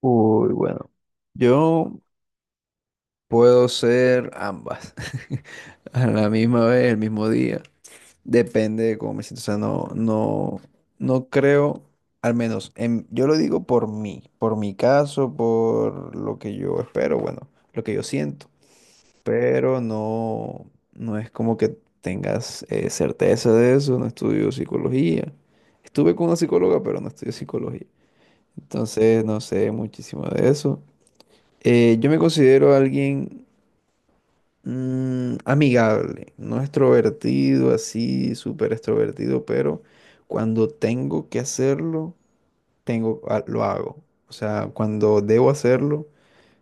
Uy, bueno, yo puedo ser ambas a la misma vez, el mismo día, depende de cómo me siento. O sea, no creo, al menos yo lo digo por mí, por mi caso, por lo que yo espero, bueno, lo que yo siento, pero no, no es como que tengas certeza de eso. No estudio psicología, estuve con una psicóloga, pero no estudio psicología, entonces no sé muchísimo de eso. Yo me considero alguien amigable, no extrovertido, así súper extrovertido, pero cuando tengo que hacerlo, lo hago. O sea, cuando debo hacerlo,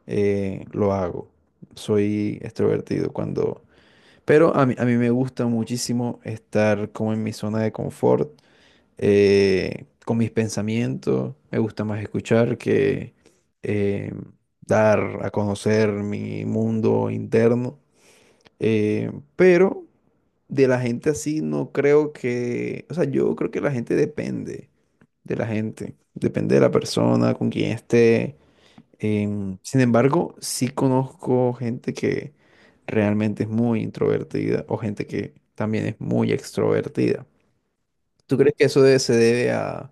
lo hago. Soy extrovertido cuando... Pero a mí me gusta muchísimo estar como en mi zona de confort con mis pensamientos, me gusta más escuchar que eh, dar a conocer mi mundo interno, eh, pero de la gente así no creo que, o sea, yo creo que la gente depende de la persona con quien esté. Sin embargo, sí conozco gente que realmente es muy introvertida o gente que también es muy extrovertida. ¿Tú crees que se debe a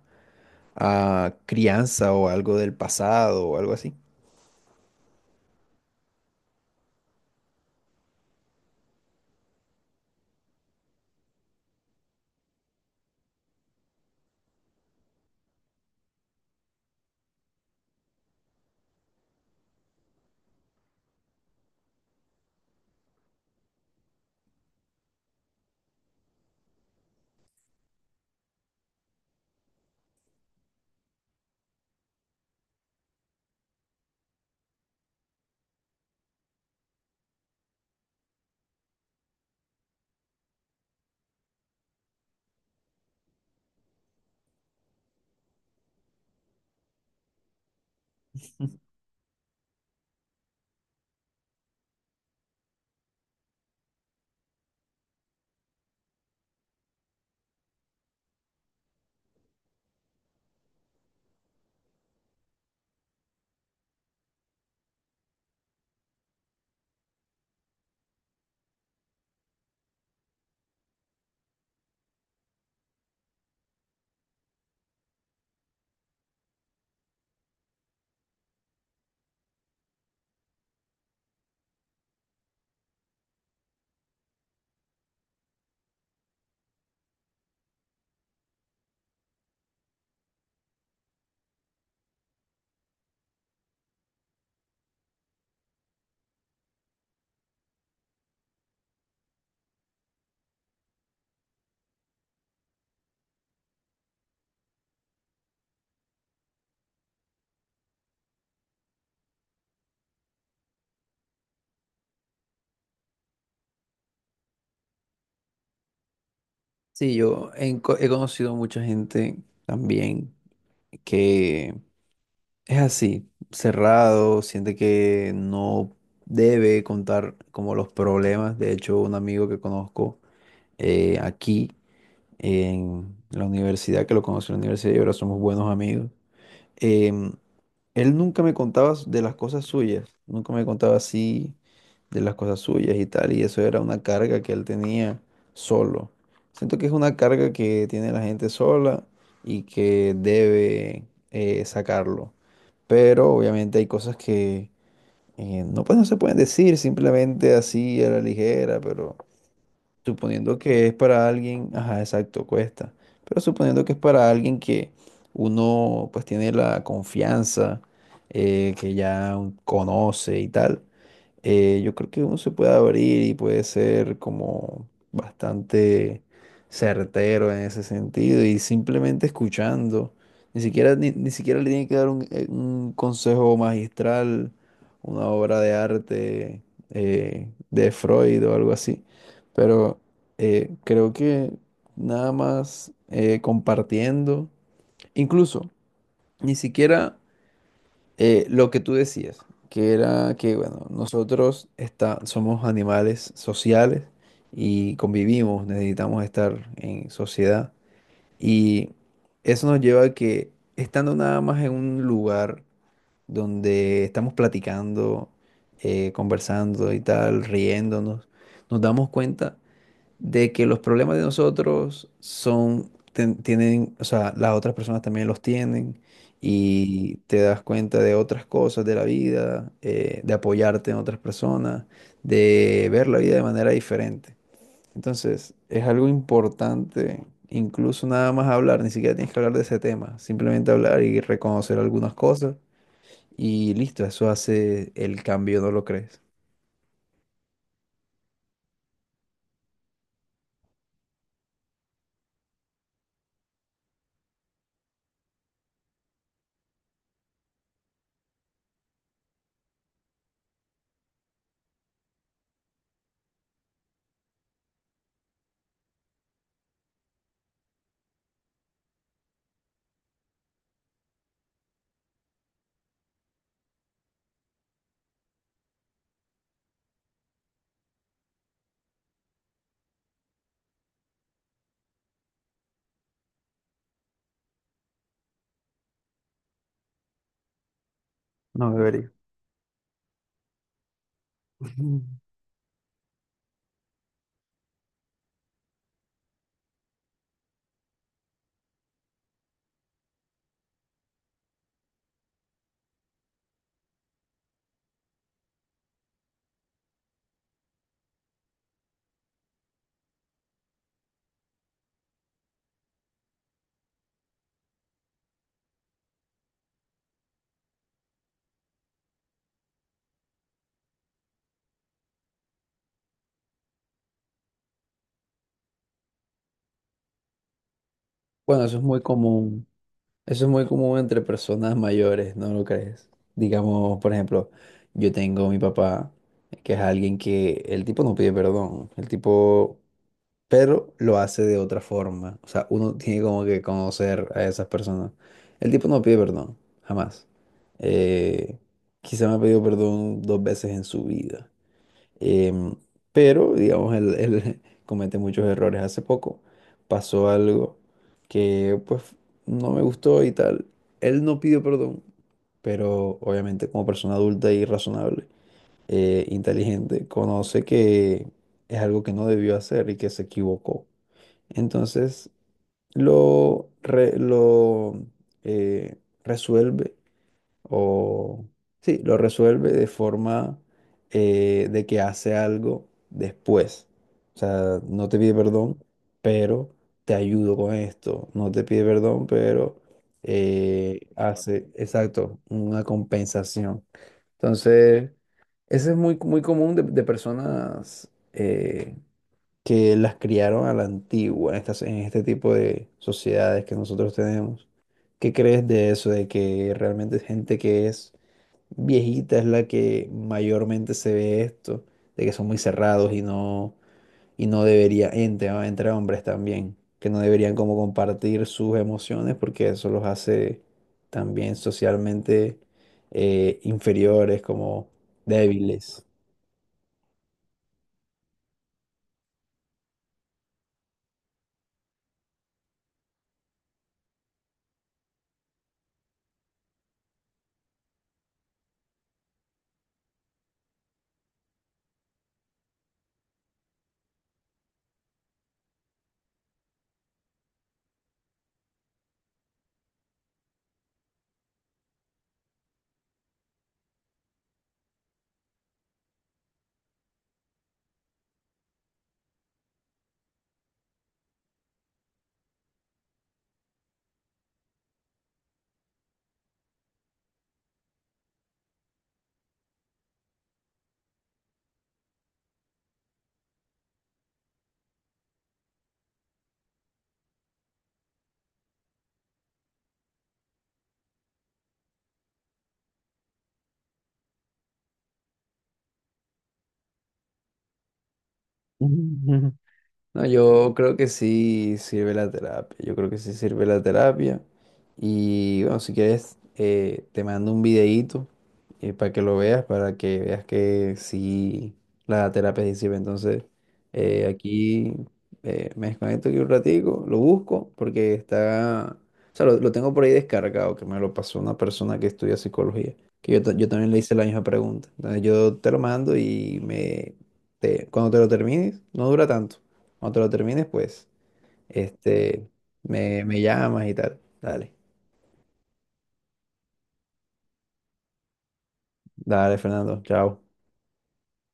crianza o algo del pasado o algo así? Sí, yo he conocido mucha gente también que es así, cerrado, siente que no debe contar como los problemas. De hecho, un amigo que conozco aquí en la universidad, que lo conocí en la universidad y ahora somos buenos amigos, em, él nunca me contaba de las cosas suyas, nunca me contaba así de las cosas suyas y tal, y eso era una carga que él tenía solo. Siento que es una carga que tiene la gente sola y que debe sacarlo. Pero obviamente hay cosas que no, pues, no se pueden decir simplemente así a la ligera, pero suponiendo que es para alguien, ajá, exacto, cuesta. Pero suponiendo que es para alguien que uno pues tiene la confianza, que ya conoce y tal, yo creo que uno se puede abrir y puede ser como bastante certero en ese sentido y simplemente escuchando. Ni siquiera, ni siquiera le tiene que dar un consejo magistral, una obra de arte de Freud o algo así. Pero creo que nada más compartiendo, incluso ni siquiera lo que tú decías, que era que, bueno, somos animales sociales y convivimos, necesitamos estar en sociedad. Y eso nos lleva a que estando nada más en un lugar donde estamos platicando, conversando y tal, riéndonos, nos damos cuenta de que los problemas de nosotros tienen, o sea, las otras personas también los tienen y te das cuenta de otras cosas de la vida, de apoyarte en otras personas, de ver la vida de manera diferente. Entonces, es algo importante, incluso nada más hablar, ni siquiera tienes que hablar de ese tema, simplemente hablar y reconocer algunas cosas y listo, eso hace el cambio, ¿no lo crees? No debería. Bueno, eso es muy común. Eso es muy común entre personas mayores, ¿no lo crees? Digamos, por ejemplo, yo tengo a mi papá, que es alguien que el tipo no pide perdón, el tipo, pero lo hace de otra forma. O sea, uno tiene como que conocer a esas personas. El tipo no pide perdón, jamás. Eh, quizá me ha pedido perdón dos veces en su vida. Em, pero, digamos, él comete muchos errores. Hace poco pasó algo que, pues, no me gustó y tal. Él no pidió perdón, pero obviamente como persona adulta y razonable, inteligente, conoce que es algo que no debió hacer y que se equivocó. Entonces, lo eh, resuelve o sí, lo resuelve de forma de que hace algo después. O sea, no te pide perdón, pero te ayudo con esto. No te pide perdón, pero hace, exacto, una compensación. Entonces, eso es muy, muy común de personas que las criaron a la antigua, en estas, en este tipo de sociedades que nosotros tenemos. ¿Qué crees de eso, de que realmente es gente que es viejita es la que mayormente se ve esto, de que son muy cerrados y no debería, entre, entre hombres también, que no deberían como compartir sus emociones porque eso los hace también socialmente inferiores, como débiles? No, yo creo que sí sirve la terapia. Yo creo que sí sirve la terapia. Y bueno, si quieres, te mando un videíto para que lo veas, para que veas que sí la terapia sí sirve. Entonces, aquí me desconecto aquí un ratico, lo busco porque está, o sea, lo tengo por ahí descargado, que me lo pasó una persona que estudia psicología, que yo, yo también le hice la misma pregunta. Entonces, yo te lo mando y cuando te lo termines, no dura tanto. Cuando te lo termines, pues, este, me llamas y tal. Dale, dale, Fernando, chao.